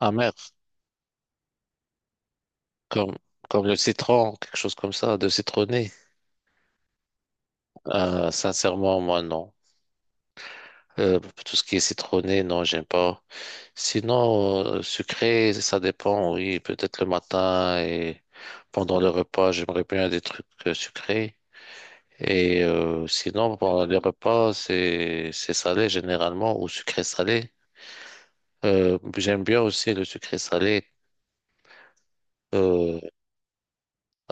Amer, comme, comme le citron, quelque chose comme ça, de citronné. Sincèrement, moi, non. Tout ce qui est citronné, non, j'aime pas. Sinon, sucré, ça dépend, oui. Peut-être le matin et pendant le repas, j'aimerais bien des trucs sucrés. Et sinon, pendant les repas, c'est salé généralement ou sucré salé. J'aime bien aussi le sucré salé.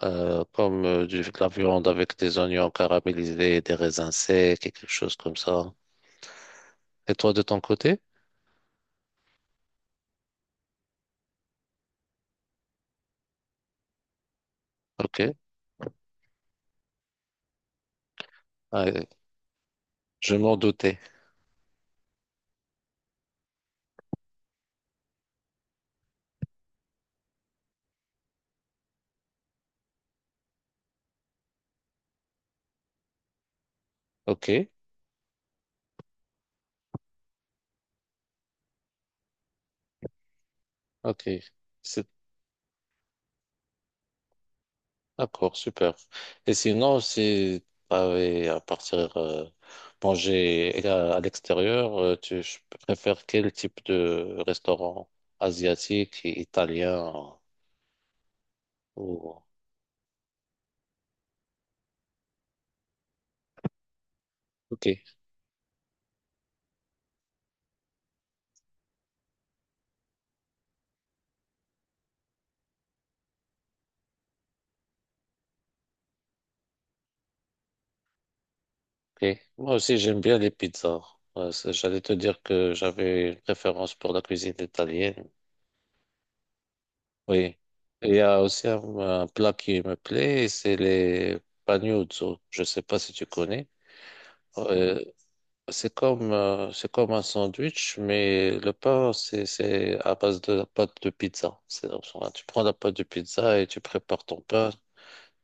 Comme de la viande avec des oignons caramélisés, des raisins secs et quelque chose comme ça. Et toi, de ton côté? Ok. Ah, je m'en doutais. Ok, ok, c'est d'accord, super. Et sinon, si tu avais à partir manger à l'extérieur, tu je préfères quel type de restaurant, asiatique, italien ou... Ok. Ok, moi aussi, j'aime bien les pizzas. Ouais, j'allais te dire que j'avais une préférence pour la cuisine italienne. Oui. Et il y a aussi un plat qui me plaît, c'est les panuzzo. Je ne sais pas si tu connais. Euh, c'est comme, c'est comme un sandwich, mais le pain, c'est à base de la pâte de pizza. Enfin, tu prends la pâte de pizza et tu prépares ton pain,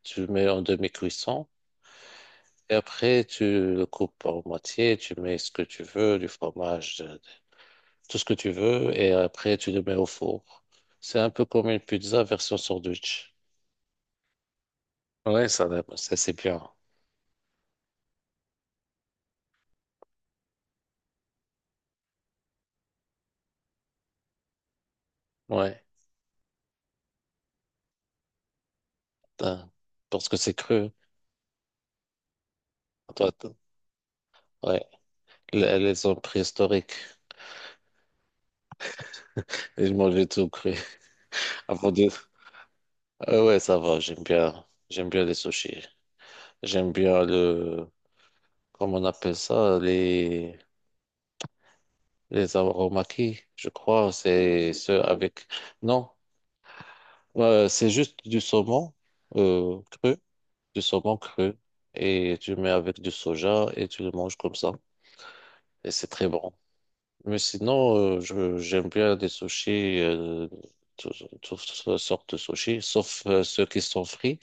tu le mets en demi-cuisson. Et après, tu le coupes en moitié, tu mets ce que tu veux, du fromage, tout ce que tu veux, et après, tu le mets au four. C'est un peu comme une pizza version sandwich. Ouais, ça dépend, ça c'est bien. Ouais, putain. Parce que c'est cru. Toi, ouais, les hommes préhistoriques, ils mangeaient tout cru. Avant de... Ah ouais, ça va, j'aime bien. J'aime bien les sushis. J'aime bien le... Comment on appelle ça? Les aromaki, je crois. C'est ceux avec... Non, c'est juste du saumon cru. Du saumon cru et tu le mets avec du soja et tu le manges comme ça. Et c'est très bon. Mais sinon, j'aime bien des sushis, tout- toutes sortes de sushis, sauf ceux qui sont frits,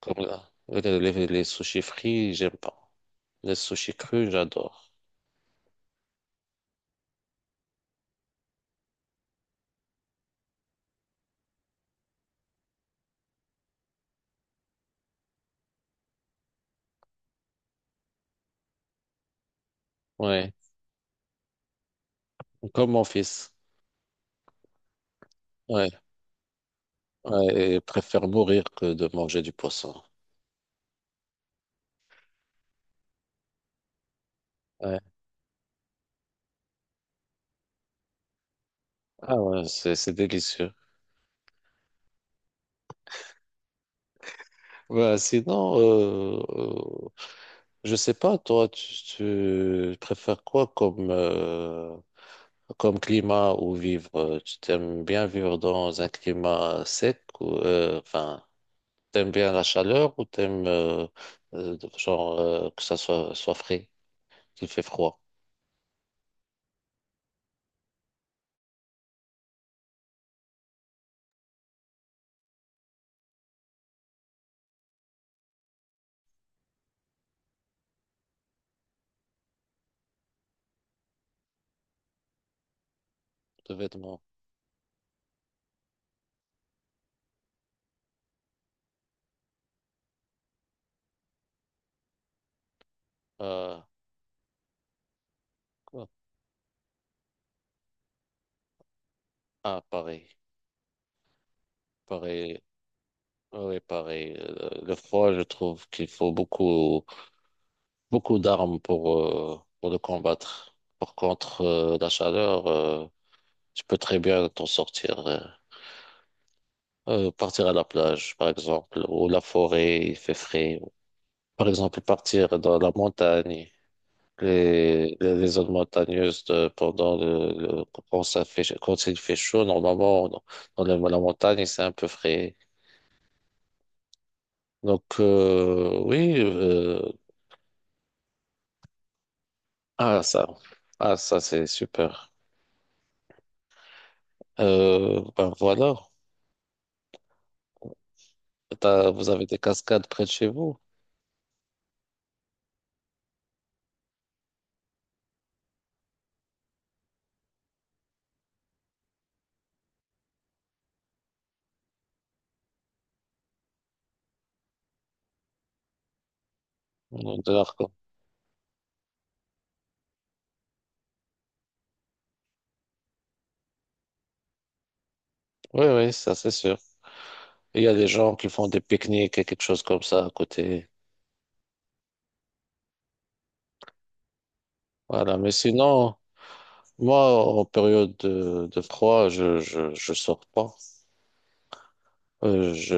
comme là. Les, les sushis frits, j'aime pas. Les sushis crus, j'adore. Ouais, comme mon fils. Ouais, ouais, et préfère mourir que de manger du poisson. Ouais. Ah ouais, c'est délicieux. Bah, sinon, je sais pas, toi, tu préfères quoi comme, comme climat ou vivre? Tu t'aimes bien vivre dans un climat sec ou, enfin, t'aimes bien la chaleur ou t'aimes, genre, que ça soit, soit frais, qu'il fait froid? De vêtements. euh, ah, pareil, pareil. Oui, pareil. Le froid, je trouve qu'il faut beaucoup, beaucoup d'armes pour le combattre. Par contre, la chaleur, tu peux très bien t'en sortir. Partir à la plage, par exemple, ou la forêt, il fait frais. Par exemple, partir dans la montagne, les zones montagneuses pendant quand ça fait, quand il fait chaud, normalement, dans, dans la la montagne, c'est un peu frais. Donc, oui. Ah, ça, ah, ça c'est super. Ben voilà. T'as- vous avez des cascades près de chez vous. De l'arc. Oui, oui, ça c'est sûr. Il y a des gens qui font des pique-niques et quelque chose comme ça à côté. Voilà, mais sinon, moi, en période de froid, je sors pas. Euh, je,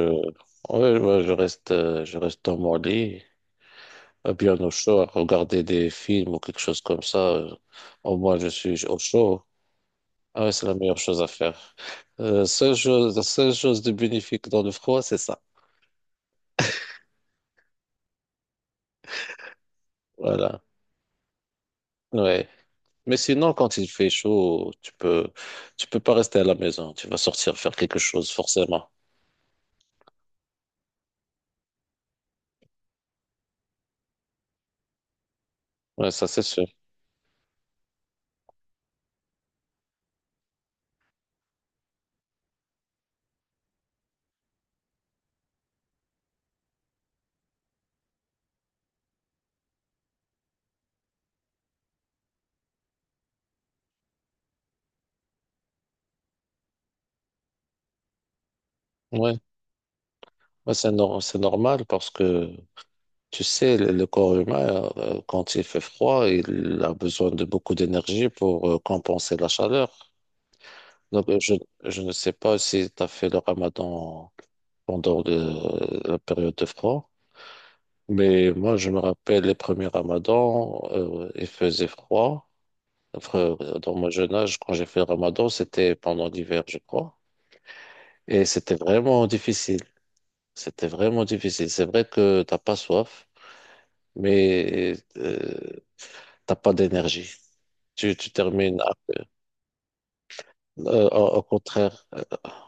ouais, ouais, je reste dans mon lit. Bien au chaud, à regarder des films ou quelque chose comme ça. Au moins, je suis au chaud. Ah ouais, c'est la meilleure chose à faire. La seule chose de bénéfique dans le froid, c'est ça. Voilà. Ouais. Mais sinon, quand il fait chaud, tu peux pas rester à la maison. Tu vas sortir faire quelque chose, forcément. Ouais, ça, c'est sûr. Ouais. Ouais, c'est nor- c'est normal parce que, tu sais, le corps humain, quand il fait froid, il a besoin de beaucoup d'énergie pour compenser la chaleur. Donc, je ne sais pas si tu as fait le ramadan pendant la période de froid, mais moi, je me rappelle les premiers ramadans, il faisait froid. Enfin, dans mon jeune âge, quand j'ai fait le ramadan, c'était pendant l'hiver, je crois. Et c'était vraiment difficile. C'était vraiment difficile. C'est vrai que t'as pas soif, mais t'as pas d'énergie. Tu, tu termines à- au contraire, euh,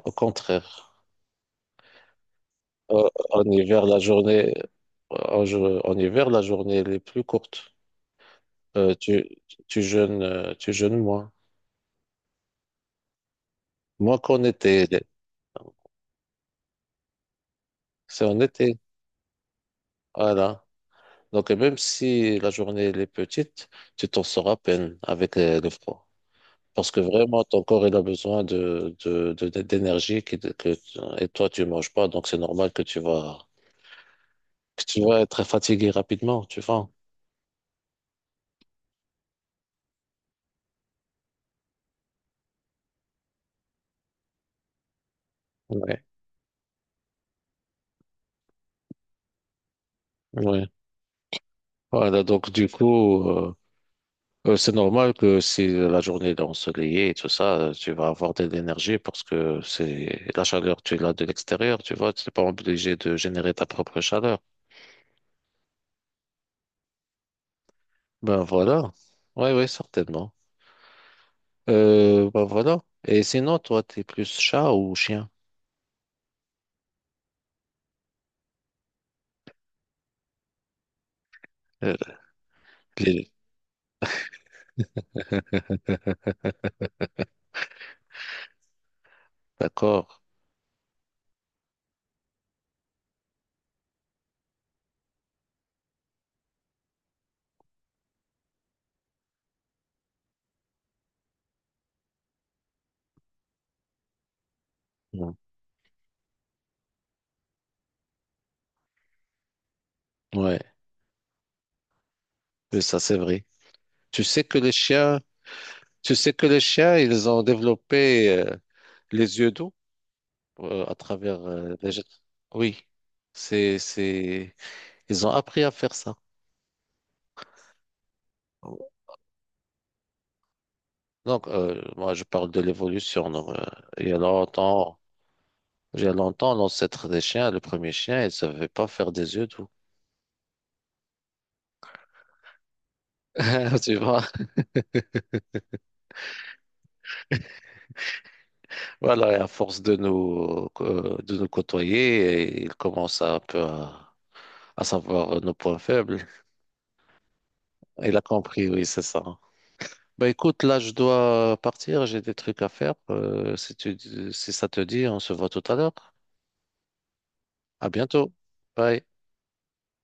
au contraire. Euh, En hiver, la journée, en, en hiver, la journée, elle est plus courte. Euh, tu, tu jeûnes moins. Moins qu'en été. C'est en été. Voilà. Donc, et même si la journée, elle est petite, tu t'en sors à peine avec le froid. Parce que vraiment, ton corps, il a besoin d'énergie et toi, tu manges pas. Donc, c'est normal que que tu vas être fatigué rapidement, tu vois. Ouais. Ouais. Voilà. Donc, du coup, c'est normal que si la journée est ensoleillée et tout ça, tu vas avoir de l'énergie parce que c'est la chaleur, tu l'as de l'extérieur, tu vois, tu n'es pas obligé de générer ta propre chaleur. Ben voilà. Oui, oui, certainement. Ben voilà. Et sinon, toi, t'es plus chat ou chien? Euh, les- D'accord. Mm. Ouais, mais ça c'est vrai. Tu sais que les chiens, tu sais que les chiens, ils ont développé les yeux d'eau à travers les... Oui, c'est ils ont appris à faire ça. Donc, moi, je parle de l'évolution. Non, il y a longtemps, il y a longtemps, l'ancêtre des chiens, le premier chien, il ne savait pas faire des yeux doux. Tu vois? Voilà, et à force de nous côtoyer, et il commence à, un peu à savoir nos points faibles. Il a compris, oui, c'est ça. Bah écoute, là, je dois partir, j'ai des trucs à faire. Si ça te dit, on se voit tout à l'heure. À bientôt. Bye.